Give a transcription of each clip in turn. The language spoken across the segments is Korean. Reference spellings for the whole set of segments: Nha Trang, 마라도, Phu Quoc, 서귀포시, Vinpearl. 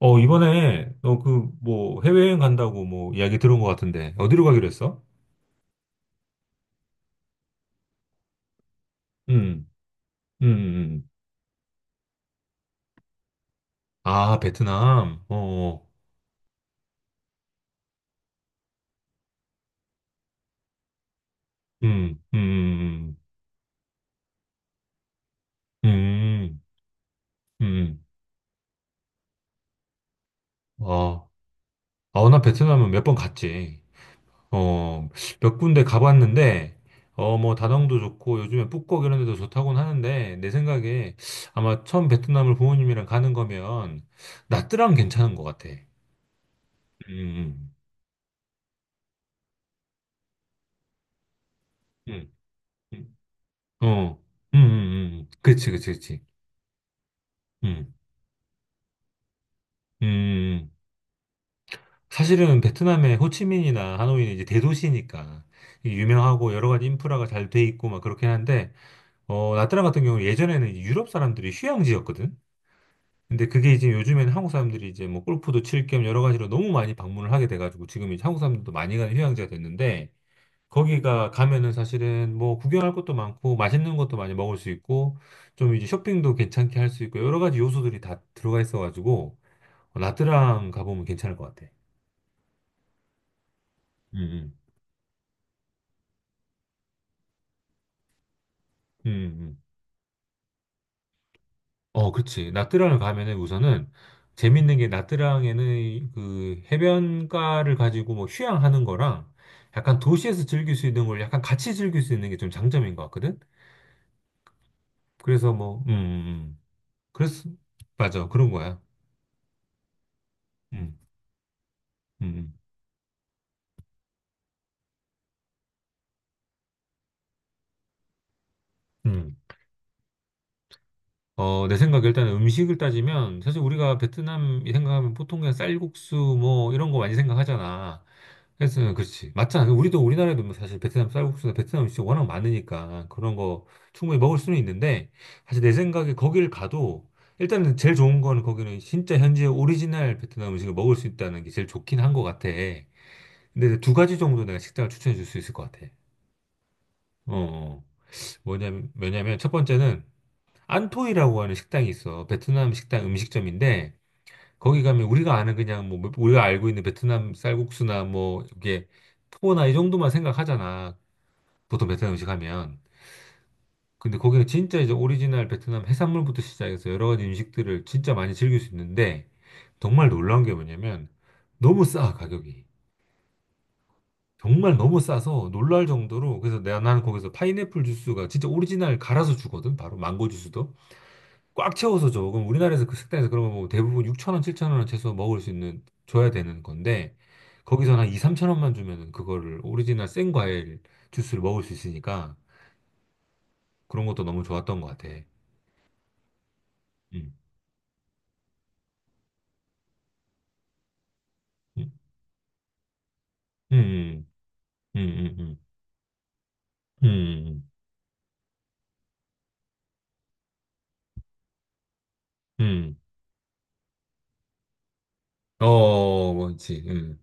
이번에 너 그 뭐 해외여행 간다고 뭐 이야기 들은 것 같은데 어디로 가기로 했어? 음, 음. 아, 베트남. 어, 어. 음, 음, 음, 음, 음. 어, 나 베트남은 몇 번 갔지. 어, 몇 군데 가봤는데 뭐 다낭도 좋고 요즘에 푸꾸옥 이런 데도 좋다고는 하는데 내 생각에 아마 처음 베트남을 부모님이랑 가는 거면 나트랑 괜찮은 것 같아. 음, 음, 음. 음. 어, 음, 음, 그치, 그치, 그치. 음, 음. 음. 사실은 베트남의 호치민이나 하노이는 이제 대도시니까 이게 유명하고 여러 가지 인프라가 잘 돼 있고 막 그렇긴 한데, 나트랑 같은 경우는 예전에는 이제 유럽 사람들이 휴양지였거든? 근데 그게 이제 요즘에는 한국 사람들이 이제 뭐 골프도 칠 겸 여러 가지로 너무 많이 방문을 하게 돼가지고 지금 이제 한국 사람들도 많이 가는 휴양지가 됐는데, 거기가 가면은 사실은 뭐 구경할 것도 많고 맛있는 것도 많이 먹을 수 있고 좀 이제 쇼핑도 괜찮게 할 수 있고 여러 가지 요소들이 다 들어가 있어가지고 나트랑 가보면 괜찮을 것 같아. 음, 음, 음, 음. 어, 그렇지. 나트랑을 가면은 우선은 재밌는 게 나트랑에는 그 해변가를 가지고 뭐 휴양하는 거랑 약간 도시에서 즐길 수 있는 걸 약간 같이 즐길 수 있는 게 좀 장점인 것 같거든. 그래서 뭐, 음. 그래서 맞아 그런 거야. 음, 음, 음. 어, 내 생각에 일단 음식을 따지면 사실 우리가 베트남 생각하면 보통 그냥 쌀국수 뭐 이런 거 많이 생각하잖아. 그래서 그렇지. 맞잖아. 그 우리도 우리나라에도 뭐 사실 베트남 쌀국수나 베트남 음식 워낙 많으니까 그런 거 충분히 먹을 수는 있는데 사실 내 생각에 거길 가도 일단은 제일 좋은 거는 거기는 진짜 현지의 오리지널 베트남 음식을 먹을 수 있다는 게 제일 좋긴 한 것 같아. 근데 두 가지 정도 내가 식당을 추천해 줄 수 있을 것 같아. 어, 어. 뭐냐면, 왜냐면 첫 번째는 안토이라고 하는 식당이 있어. 베트남 식당 음식점인데 거기 가면 우리가 아는 그냥 뭐 우리가 알고 있는 베트남 쌀국수나 뭐 이게 포나 이 정도만 생각하잖아. 보통 베트남 음식 하면. 근데 거기는 진짜 이제 오리지널 베트남 해산물부터 시작해서 여러 가지 음식들을 진짜 많이 즐길 수 있는데 정말 놀라운 게 뭐냐면 너무 싸 가격이. 정말 너무 싸서 놀랄 정도로 그래서 내가 나는 거기서 파인애플 주스가 진짜 오리지널 갈아서 주거든. 바로 망고 주스도. 꽉 채워서 줘. 그럼 우리나라에서 그 식당에서 그러면 뭐 대부분 6천 원, 7천 원 최소 먹을 수 있는 줘야 되는 건데 거기서 한 2, 3천 원만 주면은 그거를 오리지널 생 과일 주스를 먹을 수 있으니까 그런 것도 너무 좋았던 것 같아. 음. 음. 음. 음. 음. 음. 음. 음. 음. 음. 어, 뭐지? 음.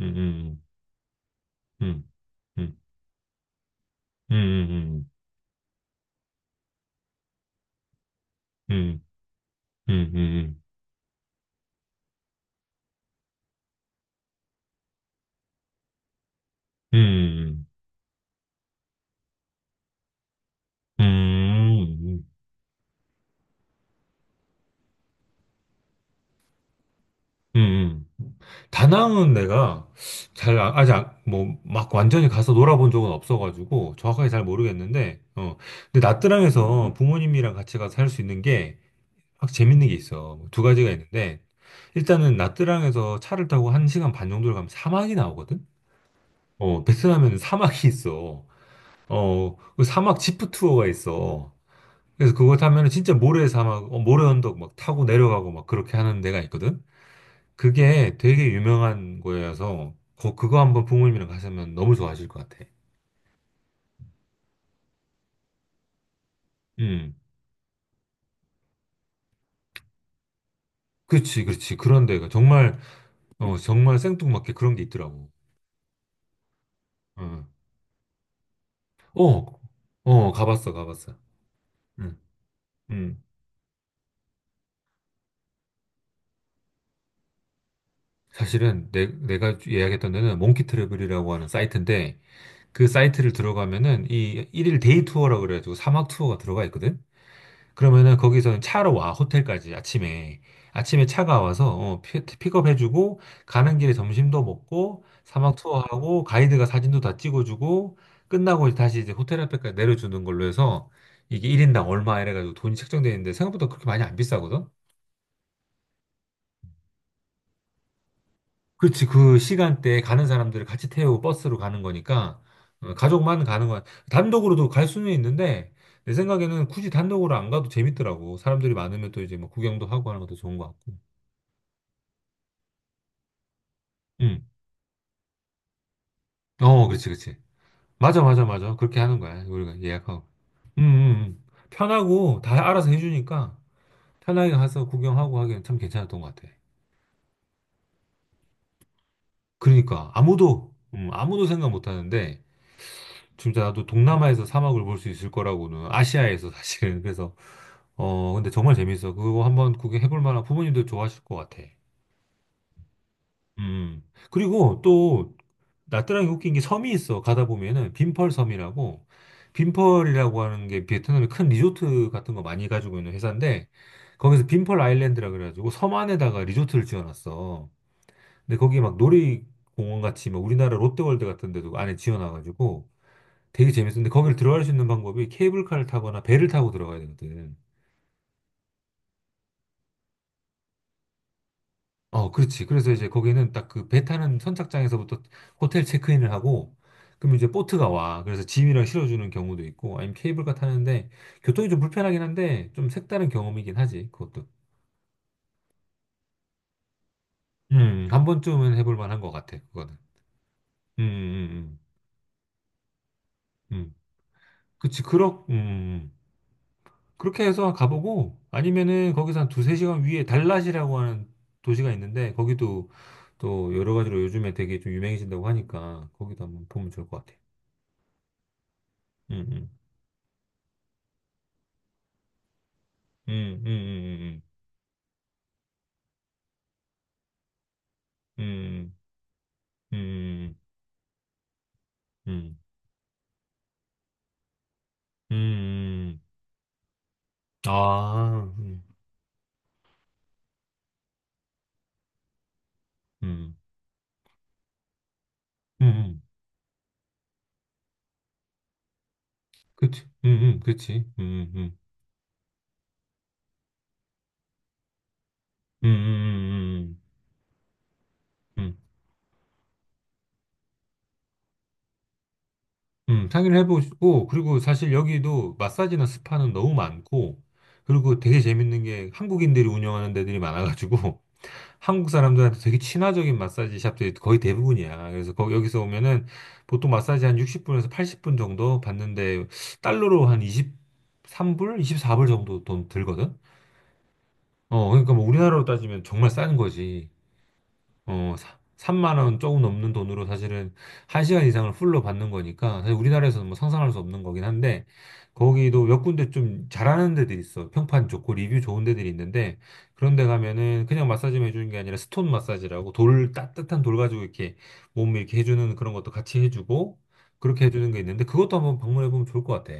음. 음. 음. 음. 음. 음. 음. 음. 음. 음. 음. 음. 음. 음. 음. 다낭은 내가 잘 아직 뭐 막 완전히 가서 놀아본 적은 없어가지고 정확하게 잘 모르겠는데 근데 나트랑에서 부모님이랑 같이 가서 할 수 있는 게 확 재밌는 게 있어 뭐 두 가지가 있는데 일단은 나트랑에서 차를 타고 한 시간 반 정도를 가면 사막이 나오거든 베트남에는 사막이 있어 어그 사막 지프 투어가 있어 그래서 그거 타면은 진짜 모래 사막 모래 언덕 막 타고 내려가고 막 그렇게 하는 데가 있거든 그게 되게 유명한 거여서 그거 한번 부모님이랑 가시면 너무 좋아하실 것 같아. 음, 그렇지, 그렇지. 그런 데가 정말 정말 생뚱맞게 그런 게 있더라고. 어, 어, 가봤어, 가봤어. 음, 음. 사실은 내가 예약했던 데는 몽키 트래블이라고 하는 사이트인데 그 사이트를 들어가면은 이 일일 데이 투어라고 그래가지고 사막 투어가 들어가 있거든. 그러면은 거기서 차로 와, 호텔까지 아침에. 아침에 차가 와서 어, 픽업해주고, 가는 길에 점심도 먹고, 사막 투어하고, 가이드가 사진도 다 찍어주고, 끝나고 이제 다시 이제 호텔 앞에까지 내려주는 걸로 해서 이게 1인당 얼마 이래가지고 돈이 책정돼 있는데 생각보다 그렇게 많이 안 비싸거든? 그렇지, 그 시간대에 가는 사람들을 같이 태우고 버스로 가는 거니까, 가족만 가는 건, 단독으로도 갈 수는 있는데, 내 생각에는 굳이 단독으로 안 가도 재밌더라고. 사람들이 많으면 또 이제 뭐 구경도 하고 하는 것도 좋은 것 같고. 음. 어, 그렇지, 그렇지. 맞아, 맞아, 맞아. 그렇게 하는 거야. 우리가 예약하고. 음, 음, 음. 편하고 다 알아서 해주니까 편하게 가서 구경하고 하기엔 참 괜찮았던 것 같아. 그러니까 아무도 아무도 생각 못 하는데 진짜 나도 동남아에서 사막을 볼 수 있을 거라고는 아시아에서 사실은 그래서 근데 정말 재밌어. 그거 한번 구경해 볼 만한 부모님도 좋아하실 것 같아. 음. 그리고 또 나트랑이 웃긴 게 섬이 있어. 가다 보면은 빈펄 섬이라고 빈펄이라고 하는 게 베트남의 큰 리조트 같은 거 많이 가지고 있는 회사인데 거기서 빈펄 아일랜드라 그래가지고 섬 안에다가 리조트를 지어놨어. 근데 거기 막 놀이공원 같이 막 우리나라 롯데월드 같은 데도 안에 지어놔가지고 되게 재밌었는데 거기를 들어갈 수 있는 방법이 케이블카를 타거나 배를 타고 들어가야 되거든. 어, 그렇지. 그래서 이제 거기는 딱 그 배 타는 선착장에서부터 호텔 체크인을 하고, 그럼 이제 보트가 와. 그래서 짐이랑 실어주는 경우도 있고, 아니면 케이블카 타는데, 교통이 좀 불편하긴 한데, 좀 색다른 경험이긴 하지, 그것도. 한 번쯤은 해볼 만한 것 같아, 그거는. 음, 음, 음. 음. 그치, 그렇, 음. 그렇게 해서 가보고, 아니면은 거기서 한 두세 시간 위에 달랏이라고 하는 도시가 있는데, 거기도 또 여러 가지로 요즘에 되게 좀 유명해진다고 하니까, 거기도 한번 보면 좋을 것 같아. 음, 음. 음, 음, 음, 음, 음, 음, 음, 음, 음. 아, 음, 음, 음. 그치, 그치, 음, 음, 음, 음, 음. 상의를 해보시고, 그리고 사실 여기도 마사지나 스파는 너무 많고, 그리고 되게 재밌는 게 한국인들이 운영하는 데들이 많아가지고, 한국 사람들한테 되게 친화적인 마사지 샵들이 거의 대부분이야. 그래서 거, 여기서 오면은 보통 마사지 한 60분에서 80분 정도 받는데, 달러로 한 23불? 24불 정도 돈 들거든? 어, 그러니까 뭐 우리나라로 따지면 정말 싼 거지. 어, 3만 원 조금 넘는 돈으로 사실은 1시간 이상을 풀로 받는 거니까 사실 우리나라에서는 뭐 상상할 수 없는 거긴 한데 거기도 몇 군데 좀 잘하는 데들이 있어. 평판 좋고 리뷰 좋은 데들이 있는데 그런 데 가면은 그냥 마사지만 해주는 게 아니라 스톤 마사지라고 돌 따뜻한 돌 가지고 이렇게 몸을 이렇게 해주는 그런 것도 같이 해주고 그렇게 해주는 게 있는데 그것도 한번 방문해 보면 좋을 것 같아.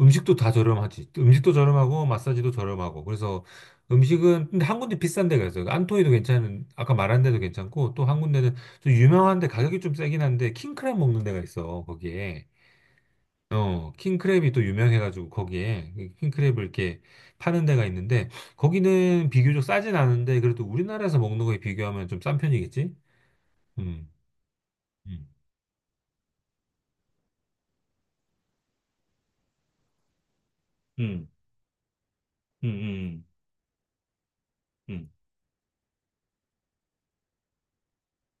음식도 다 저렴하지. 음식도 저렴하고 마사지도 저렴하고. 그래서 음식은 근데 한 군데 비싼 데가 있어요. 안토이도 괜찮은 아까 말한 데도 괜찮고 또 한 군데는 좀 유명한데 가격이 좀 세긴 한데 킹크랩 먹는 데가 있어. 거기에. 어, 킹크랩이 또 유명해가지고 거기에 킹크랩을 이렇게 파는 데가 있는데 거기는 비교적 싸진 않은데 그래도 우리나라에서 먹는 거에 비교하면 좀 싼 편이겠지? 음. 음. 음, 음, 음, 음.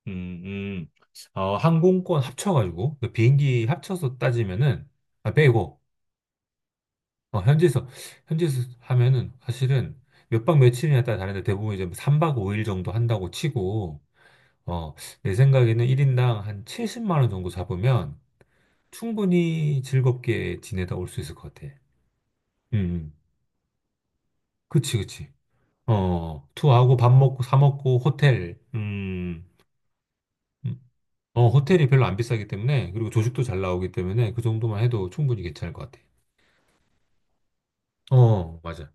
음, 음. 항공권 합쳐가지고, 그 비행기 합쳐서 따지면은, 아, 빼고, 현지에서, 현지에서 하면은, 사실은 몇박 며칠이냐 따라 다른데 대부분 이제 3박 5일 정도 한다고 치고, 어, 내 생각에는 1인당 한 70만 원 정도 잡으면 충분히 즐겁게 지내다 올 수 있을 것 같아. 음, 음. 그치, 그치. 투어하고 밥 먹고, 사 먹고, 호텔, 음. 호텔이 별로 안 비싸기 때문에, 그리고 조식도 잘 나오기 때문에, 그 정도만 해도 충분히 괜찮을 것 같아. 어, 맞아.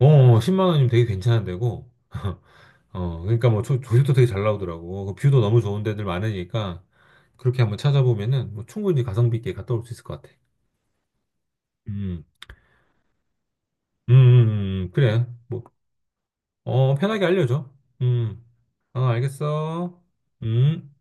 어, 10만 원이면 되게 괜찮은 데고, 어, 그러니까 뭐 조식도 되게 잘 나오더라고. 그 뷰도 너무 좋은 데들 많으니까, 그렇게 한번 찾아보면은, 뭐 충분히 가성비 있게 갔다 올 수 있을 것 같아. 음, 그래. 뭐, 어, 편하게 알려줘. 음, 어, 알겠어. 음.